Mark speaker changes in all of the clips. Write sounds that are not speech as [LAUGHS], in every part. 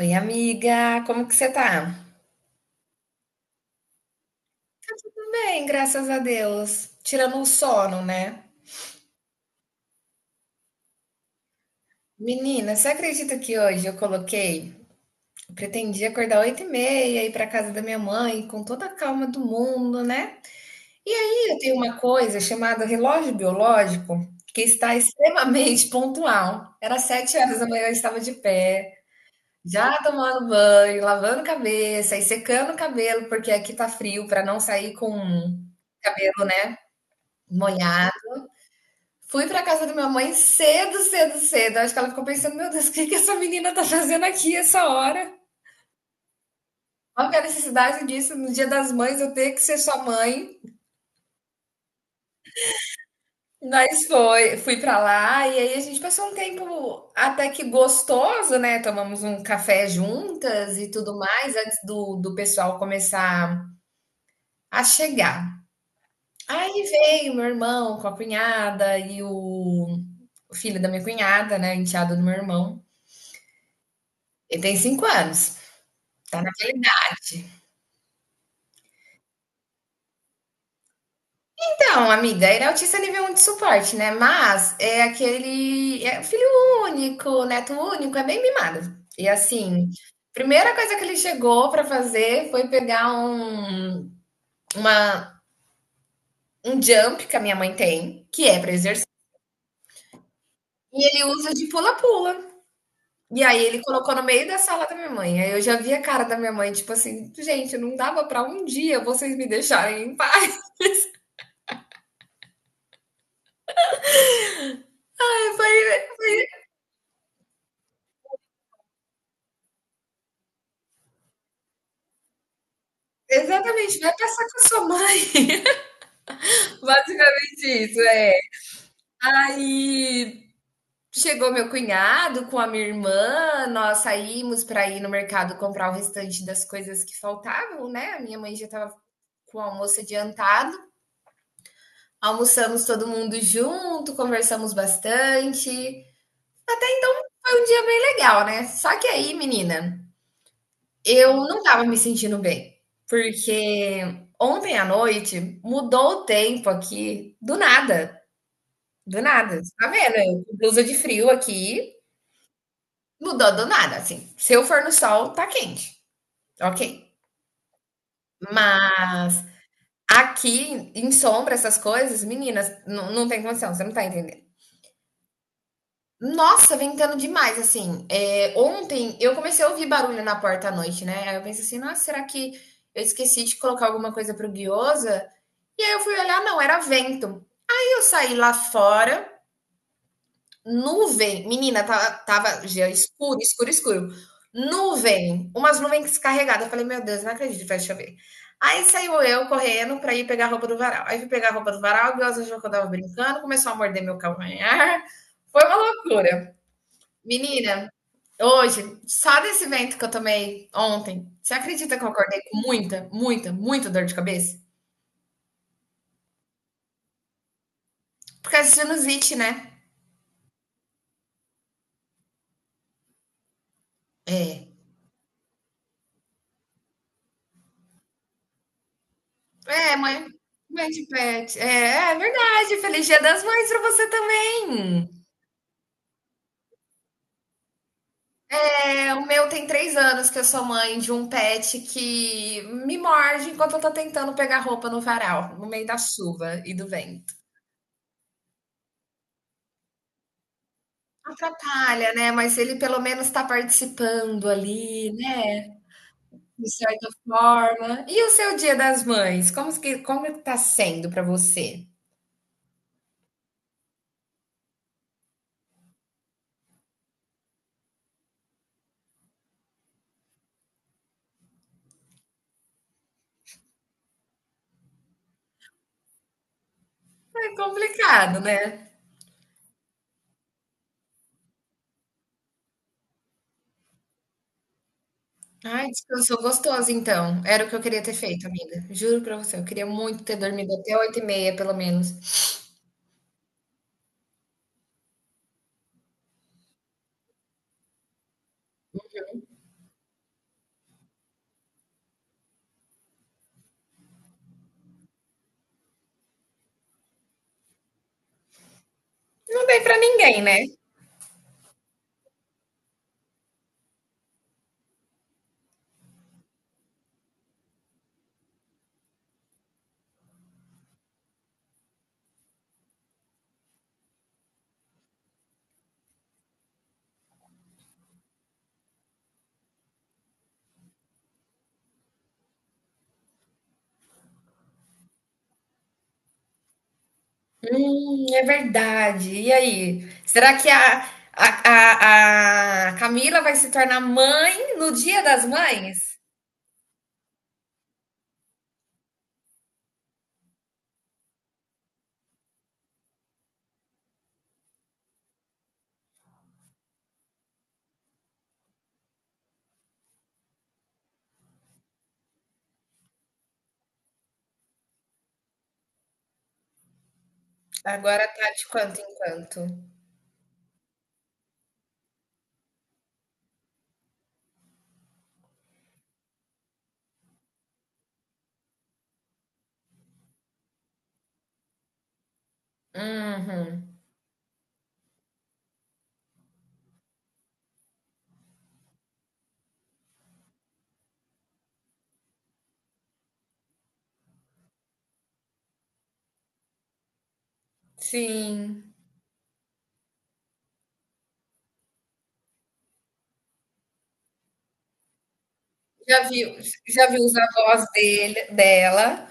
Speaker 1: Oi, amiga, como que você tá? Bem, graças a Deus. Tirando o sono, né? Menina, você acredita que hoje eu coloquei? Eu pretendia acordar 8h30, ir pra casa da minha mãe, com toda a calma do mundo, né? E aí eu tenho uma coisa chamada relógio biológico, que está extremamente [LAUGHS] pontual. Era 7 horas da manhã, eu estava de pé, já tomando banho, lavando cabeça e secando o cabelo, porque aqui tá frio, pra não sair com cabelo, né, molhado. Fui pra casa da minha mãe cedo, cedo, cedo. Acho que ela ficou pensando, meu Deus, o que que essa menina tá fazendo aqui essa hora? Qual que é a necessidade disso no Dia das Mães eu ter que ser sua mãe? Mas foi, fui pra lá e aí a gente passou um tempo até que gostoso, né? Tomamos um café juntas e tudo mais antes do pessoal começar a chegar. Aí veio meu irmão com a cunhada e o filho da minha cunhada, né? Enteado do meu irmão. Ele tem 5 anos. Tá na realidade. Então, amiga, ele é autista nível 1 de suporte, né? Mas é aquele. É filho único, neto único, é bem mimado. E assim, primeira coisa que ele chegou para fazer foi pegar uma, um jump que a minha mãe tem, que é para exercício, e ele usa de pula-pula. E aí ele colocou no meio da sala da minha mãe. Aí eu já vi a cara da minha mãe, tipo assim, gente, não dava para um dia vocês me deixarem em paz. [LAUGHS] Eu falei, exatamente, vai passar com a sua mãe. Basicamente isso, é. Aí chegou meu cunhado com a minha irmã, nós saímos para ir no mercado comprar o restante das coisas que faltavam, né? A minha mãe já estava com o almoço adiantado. Almoçamos todo mundo junto, conversamos bastante. Foi um dia bem legal, né? Só que aí, menina, eu não estava me sentindo bem, porque ontem à noite mudou o tempo aqui do nada. Do nada, você tá vendo? Eu com blusa de frio aqui. Mudou do nada, assim. Se eu for no sol, tá quente. Ok. Mas aqui, em sombra, essas coisas, meninas, não tem condição, você não tá entendendo. Nossa, ventando demais, assim. É, ontem eu comecei a ouvir barulho na porta à noite, né? Aí eu pensei assim, nossa, será que eu esqueci de colocar alguma coisa pro Guiosa? E aí eu fui olhar, não, era vento. Aí eu saí lá fora, nuvem, menina, tava já escuro, escuro, escuro. Nuvem, umas nuvens carregadas. Eu falei: "Meu Deus, não acredito vai chover". Aí saiu eu correndo pra ir pegar a roupa do varal. Aí fui pegar a roupa do varal, o Deus, achou que eu estava brincando, começou a morder meu calcanhar. Foi uma loucura. Menina, hoje, só desse vento que eu tomei ontem, você acredita que eu acordei com muita, muita, muita dor de cabeça? Por causa de sinusite, né? É. É, mãe, mãe de pet. É, é verdade. Feliz Dia das Mães para você também. É, o meu tem 3 anos que eu sou mãe de um pet que me morde enquanto eu tô tentando pegar roupa no varal, no meio da chuva e do vento. Atrapalha, né? Mas ele pelo menos tá participando ali, né? De certa forma. E o seu Dia das Mães? Como que tá sendo para você? É complicado, né? Ai, descansou gostoso então. Era o que eu queria ter feito, amiga. Juro pra você, eu queria muito ter dormido até 8:30, pelo menos. Não dei pra ninguém, né? É verdade. E aí? Será que a, a Camila vai se tornar mãe no Dia das Mães? Agora tá de quanto em quanto. Uhum. Sim. Já viu, já viu os avós dele, dela?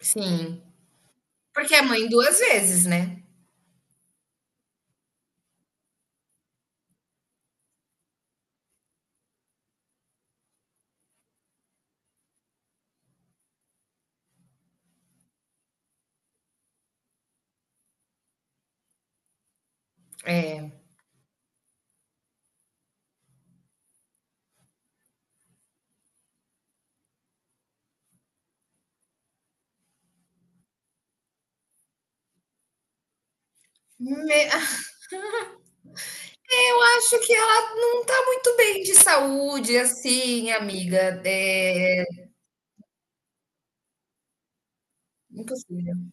Speaker 1: Sim. Porque é mãe duas vezes, né? É. Me- Eu acho que ela não tá muito bem de saúde, assim, amiga. É impossível.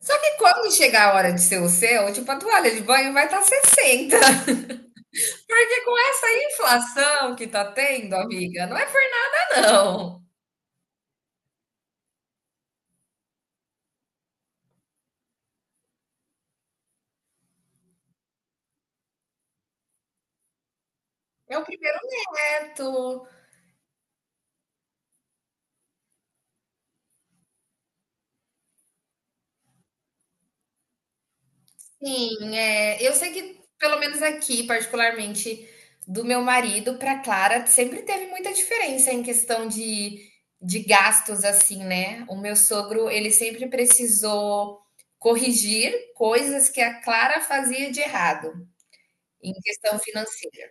Speaker 1: Só que quando chegar a hora de ser o seu, tipo, a toalha de banho vai estar tá 60. [LAUGHS] Porque com essa inflação que tá tendo, amiga, não é por nada, não. É o primeiro neto. Sim, é, eu sei que, pelo menos aqui, particularmente do meu marido para Clara, sempre teve muita diferença em questão de gastos, assim, né? O meu sogro, ele sempre precisou corrigir coisas que a Clara fazia de errado em questão financeira.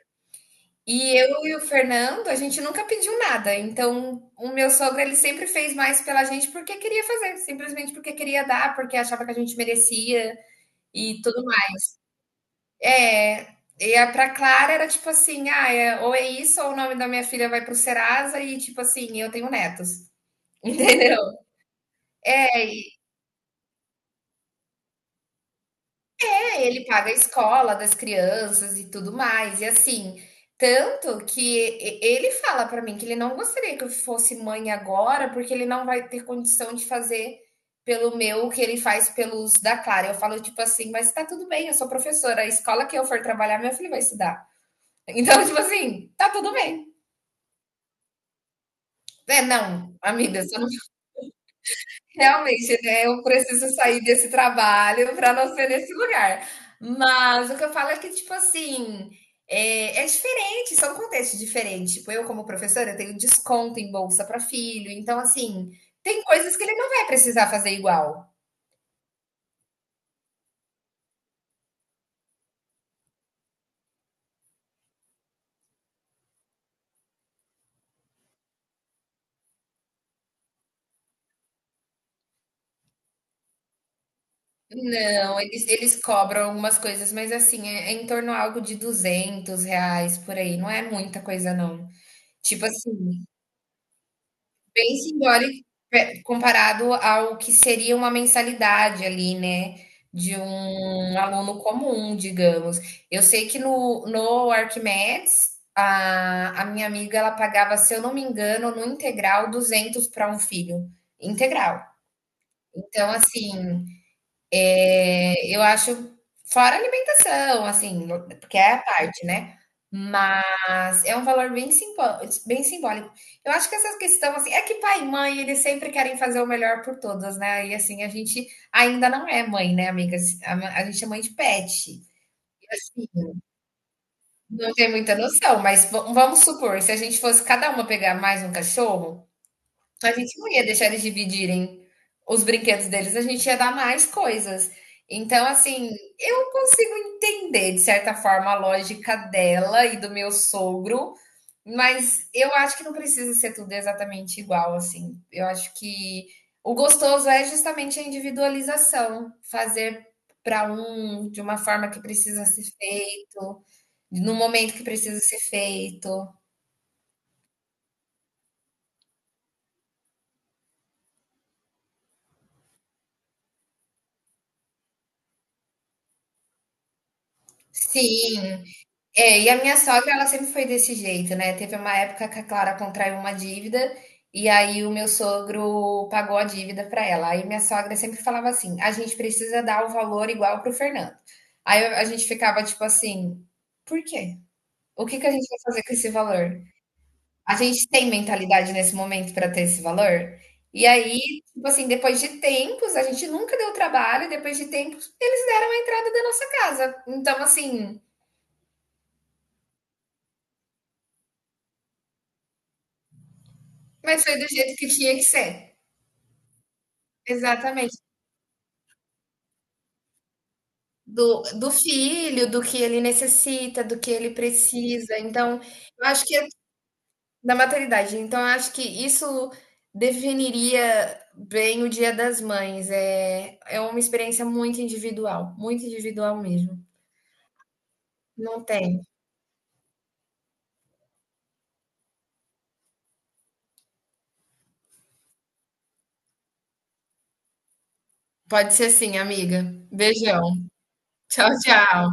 Speaker 1: E eu e o Fernando, a gente nunca pediu nada. Então, o meu sogro, ele sempre fez mais pela gente porque queria fazer, simplesmente porque queria dar, porque achava que a gente merecia e tudo é, e a pra Clara era tipo assim, ah, é, ou é isso, ou o nome da minha filha vai pro Serasa, e tipo assim, eu tenho netos, [LAUGHS] entendeu? É, e é, ele paga a escola das crianças e tudo mais, e assim, tanto que ele fala pra mim que ele não gostaria que eu fosse mãe agora, porque ele não vai ter condição de fazer pelo meu o que ele faz pelos da Clara. Eu falo tipo assim, mas tá tudo bem, eu sou professora, a escola que eu for trabalhar, meu filho vai estudar. Então, [LAUGHS] tipo assim, tá tudo bem. É, não, amiga, você não realmente, né, eu preciso sair desse trabalho para não ser nesse lugar. Mas o que eu falo é que, tipo assim, é, é diferente, são contextos diferentes. Tipo, eu, como professora, tenho desconto em bolsa para filho. Então, assim, tem coisas que ele não vai precisar fazer igual. Não, eles cobram umas coisas, mas assim, é, é em torno a algo de R$ 200 por aí. Não é muita coisa, não. Tipo assim. Bem simbólico comparado ao que seria uma mensalidade ali, né? De um aluno comum, digamos. Eu sei que no Arquimedes, a minha amiga, ela pagava, se eu não me engano, no integral, 200 para um filho. Integral. Então, assim, é, eu acho fora a alimentação, assim, porque é a parte, né, mas é um valor bem simbólico. Eu acho que essa questão, assim é que pai e mãe, eles sempre querem fazer o melhor por todos, né, e assim, a gente ainda não é mãe, né, amigas, a ma a gente é mãe de pet, e assim, não tem muita noção, mas va vamos supor, se a gente fosse cada uma pegar mais um cachorro, a gente não ia deixar eles dividirem os brinquedos deles, a gente ia dar mais coisas. Então, assim, eu consigo entender, de certa forma, a lógica dela e do meu sogro, mas eu acho que não precisa ser tudo exatamente igual, assim. Eu acho que o gostoso é justamente a individualização, fazer para um de uma forma que precisa ser feito, no momento que precisa ser feito. Sim, é, e a minha sogra, ela sempre foi desse jeito, né. Teve uma época que a Clara contraiu uma dívida, e aí o meu sogro pagou a dívida para ela. Aí minha sogra sempre falava assim: "A gente precisa dar o valor igual para o Fernando". Aí a gente ficava tipo assim: "Por quê? O que que a gente vai fazer com esse valor? A gente tem mentalidade nesse momento para ter esse valor?". E aí, tipo assim, depois de tempos, a gente nunca deu trabalho, depois de tempos, eles deram a entrada da nossa casa. Então assim, mas foi do jeito que tinha que ser. Exatamente. Do filho, do que ele necessita, do que ele precisa. Então, eu acho que é da maternidade. Então, eu acho que isso definiria bem o Dia das Mães. É, é uma experiência muito individual mesmo. Não tem. Pode ser sim, amiga. Beijão. Tchau, tchau.